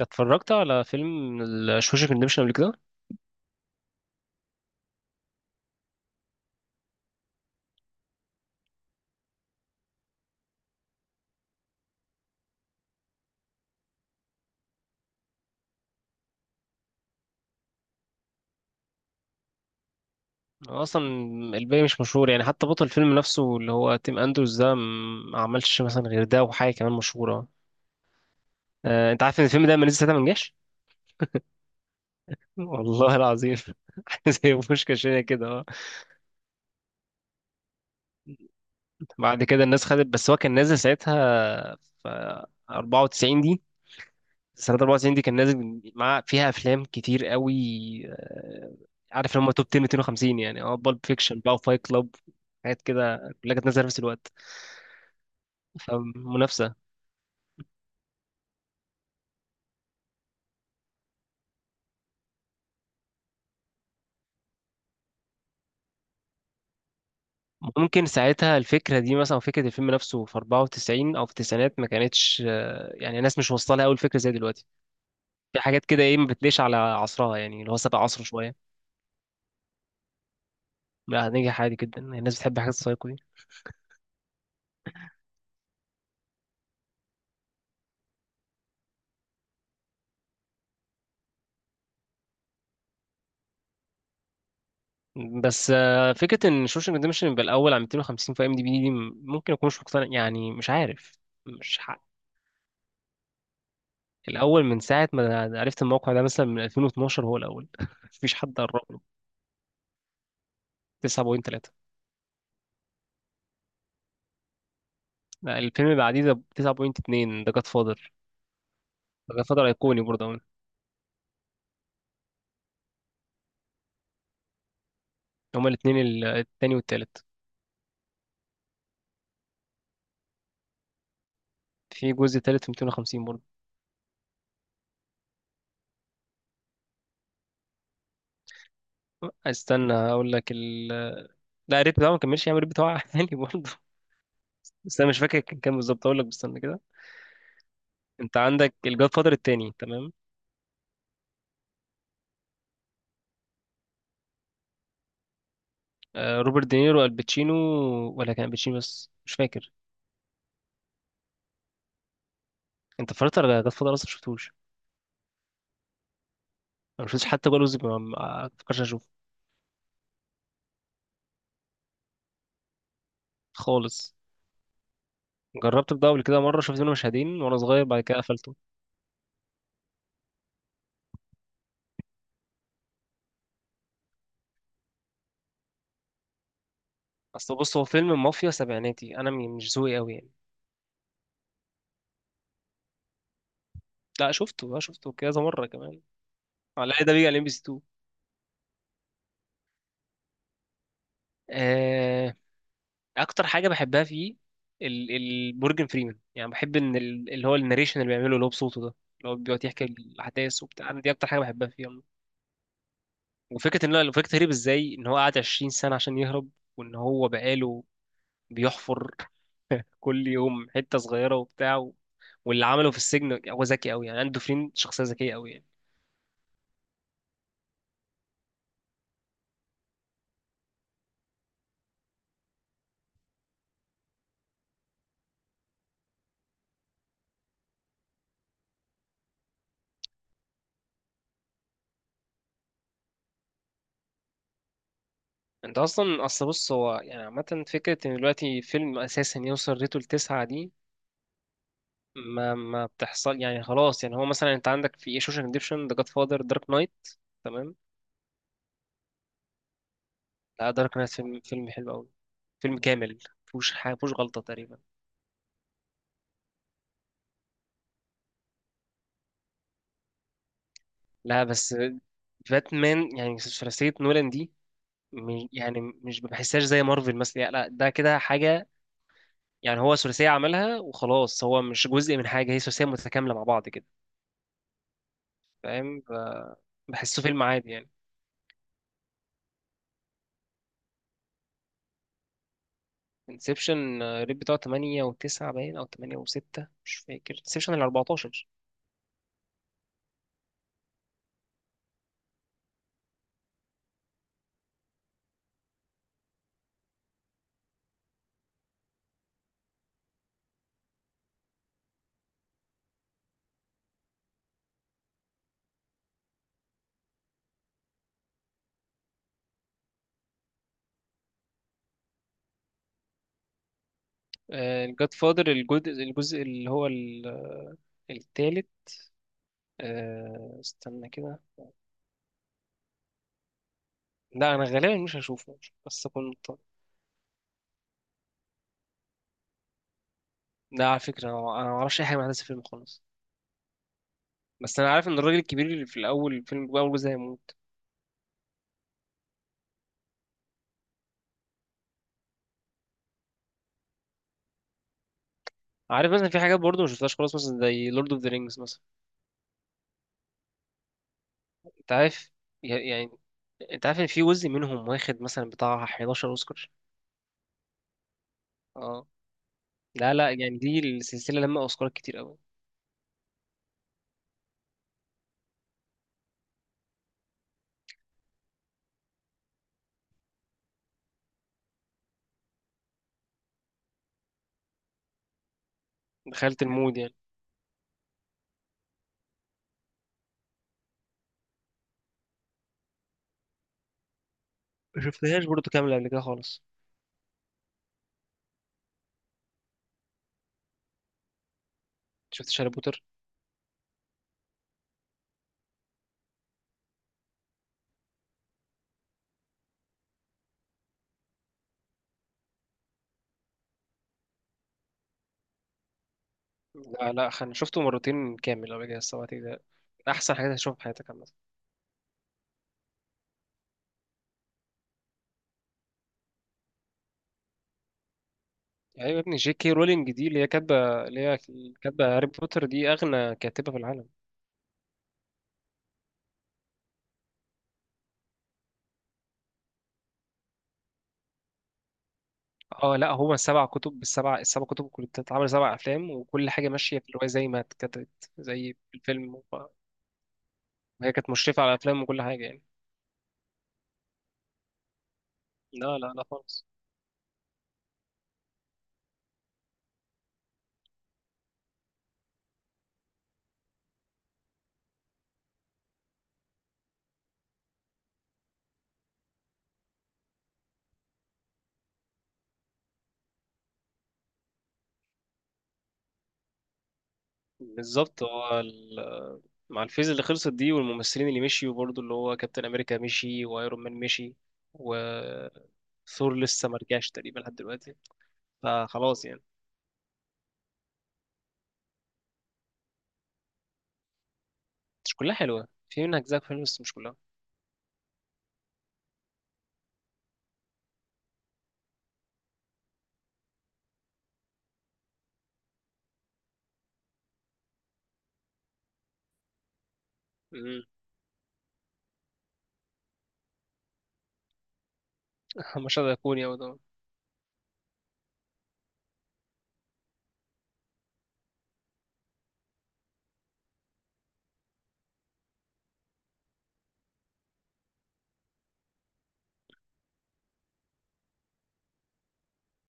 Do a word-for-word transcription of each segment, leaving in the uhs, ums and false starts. اتفرجت على فيلم شوشك ريديمشن قبل كده. أنا اصلا الباقي مش مشهور، يعني حتى بطل الفيلم نفسه اللي هو تيم اندروز ده م- ما عملش مثلا غير ده وحاجه كمان مشهوره. آه، انت عارف ان الفيلم ده ما نزل ساعتها ما نجحش؟ والله العظيم، حاجه زي بوشكاش هنا كده، اه. بعد كده الناس خدت، بس هو كان نازل ساعتها في أربعة وتسعين دي. سنة أربعة وتسعين دي كان نازل مع فيها أفلام كتير قوي. آه، عارف لما توب عشرة مئتين وخمسين، يعني اه، بالب فيكشن بقى وفايت كلاب، حاجات كده، كلها كانت نازلة في نفس الوقت. فمنافسة. ممكن ساعتها الفكرة دي، مثلا فكرة الفيلم نفسه في أربعة وتسعين أو في التسعينات، ما كانتش، آه، يعني الناس مش واصلة لها أوي الفكرة زي دلوقتي. في حاجات كده، إيه، ما بتليش على عصرها، يعني اللي هو سبق عصره شوية. لا، هنجح عادي جدا، الناس بتحب حاجات السايكو دي. بس آه، فكرة إن شوشنج ريدمشن يبقى الأول على مئتين وخمسين في أم دي بي دي، م- ممكن أكون مش مقتنع، يعني مش عارف، مش حق. الأول من ساعة ما عرفت الموقع ده، مثلا من ألفين واثنعش، هو الأول. مفيش حد قرب له. تسعة فاصلة تلاتة. لا، الفيلم اللي بعديه ده تسعة فاصلة اتنين، ده جاد فاضل، كان فترة أيقوني برضه أوي. هما الاتنين ال- التاني والتالت. في جزء تالت في مئتين وخمسين برضه. استنى أقول لك ال... لا، الريت بتاعه ما كملش، يعني الريت بتاعه عالي برضه. بس أنا مش فاكر كان كام بالظبط. أقول لك، بس استنى كده. أنت عندك الجاد فادر التاني، تمام؟ آه، روبرت دينيرو، الباتشينو. ولا كان الباتشينو بس، مش فاكر. أنت اتفرجت على جاد فادر أصلا؟ مشفتوش؟ أنا مشفتش حتى ولا جزء، ما ما فكرش أشوفه خالص. جربت ده قبل كده مرة، شفت منه مشهدين وأنا صغير، بعد كده قفلته. أصل بص، هو فيلم مافيا سبعيناتي، أنا م- مش ذوقي أوي يعني. لا، شفته بقى، شفته كذا مرة كمان. على ده بيجي على ام بي سي تو. آه، اكتر حاجة بحبها فيه ال- ال- مورجان فريمان. يعني بحب ان ال- اللي هو الناريشن اللي بيعمله اللي هو بصوته ده، اللي هو بيقعد يحكي الاحداث وبتاع. أنا دي اكتر حاجة بحبها فيه عموماً. وفكرة ان هو، فكرة هرب ازاي، ان هو قعد عشرين سنة عشان يهرب، وان هو بقاله بيحفر كل يوم حتة صغيرة وبتاع و... واللي عمله في السجن، هو ذكي قوي، يعني عنده فرين، شخصية ذكية قوي يعني. انت اصلا، اصل بص، هو يعني عامه فكره ان دلوقتي فيلم اساسا يوصل ريته لتسعة دي ما ما بتحصل، يعني خلاص. يعني هو مثلا انت عندك في ايه: شوشانك ريديمشن، ذا جاد فاذر، دارك نايت، تمام؟ لا، دارك نايت فيلم فيلم حلو قوي، فيلم كامل، مفيهوش حاجه، مفيهوش غلطه تقريبا. لا بس باتمان، يعني ثلاثيه نولان دي، م- يعني مش بحسهاش زي مارفل مثلا، يعني لا، ده كده حاجه، يعني هو ثلاثيه عملها وخلاص، هو مش جزء من حاجه، هي ثلاثيه متكامله مع بعض كده، فاهم؟ بحسه فيلم عادي يعني. انسبشن الريت بتاعه تمانية و9 باين، او تمانية و6، مش فاكر، انسبشن ال اربعتاشر. الجاد فادر، الجزء الجزء اللي هو ال- آه، التالت. آه، استنى كده. لا، انا غالبا مش هشوفه، بس كنت. لا، على فكره، انا أنا ما اعرفش اي حاجه عن أحداث الفيلم خالص. بس انا عارف ان الراجل الكبير اللي في الاول الفيلم، اول جزء، هيموت. عارف مثلا في حاجات برضه ما شفتهاش خالص، مثلا زي لورد اوف ذا رينجز مثلا. انت عارف، ي- يعني انت عارف ان في جزء منهم واخد مثلا بتاع حداشر اوسكار؟ اه. لا لا، يعني دي السلسلة لما أوسكارات كتير أوي. دخلت المود يعني. ما شفتهاش برضه كاملة قبل كده خالص. شفت هاري بوتر؟ لا لا، أنا شفته مرتين كامل قبل كده، الصراحة ده أحسن حاجة هتشوفها في حياتك عامة. أيوة يا ابني، جي كي رولينج دي اللي هي كاتبة اللي هي كاتبة هاري بوتر، دي أغنى كاتبة في العالم. اه، لا، هما سبع كتب، بالسبع، السبع كتب كلها بتتعمل سبع أفلام، وكل حاجة ماشية في الرواية زي ما اتكتبت زي في الفيلم. وهي كانت مشرفة على الأفلام وكل حاجة يعني. لا لا لا خالص. بالظبط، هو ال- مع الفيز اللي خلصت دي والممثلين اللي مشيوا برضه، اللي هو كابتن امريكا مشي وايرون مان مشي، و ثور لسه ما رجعش تقريبا لحد دلوقتي. فخلاص يعني. مش كلها حلوه، في منها اجزاء حلوه بس مش كلها. مم. مشهد ايقوني اوي طبعا.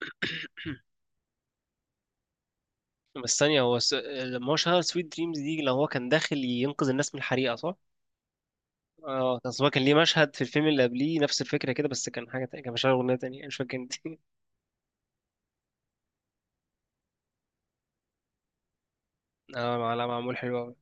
بس ثانيه، هو س... لما هو شغال سويت دريمز دي، لو هو كان داخل ينقذ الناس من الحريقه، صح؟ اه، بس هو كان ليه مشهد في الفيلم اللي قبليه نفس الفكره كده، بس كان حاجه تانية، كان مشغل اغنيه تانية، مش فاكر انت؟ اه، لا، معمول حلو أوي.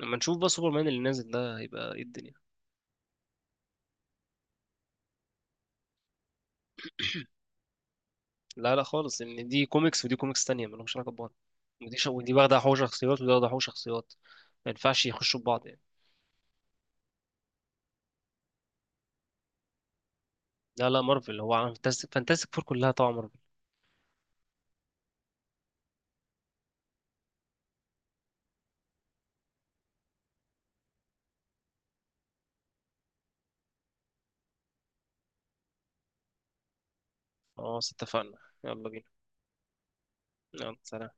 لما نشوف بقى سوبرمان اللي نازل ده، هيبقى ايه الدنيا. لا لا خالص، ان دي كوميكس ودي كوميكس تانية، مالهمش علاقة ببعض. ودي شو... ودي واخدة حقوق شخصيات ودي واخدة حقوق شخصيات، ما ينفعش يخشوا في بعض يعني. لا لا، مارفل، هو عالم فانتاستيك فانتاستيك فور كلها طبعا مارفل. خلاص اتفقنا، يلا بينا. يلا سلام.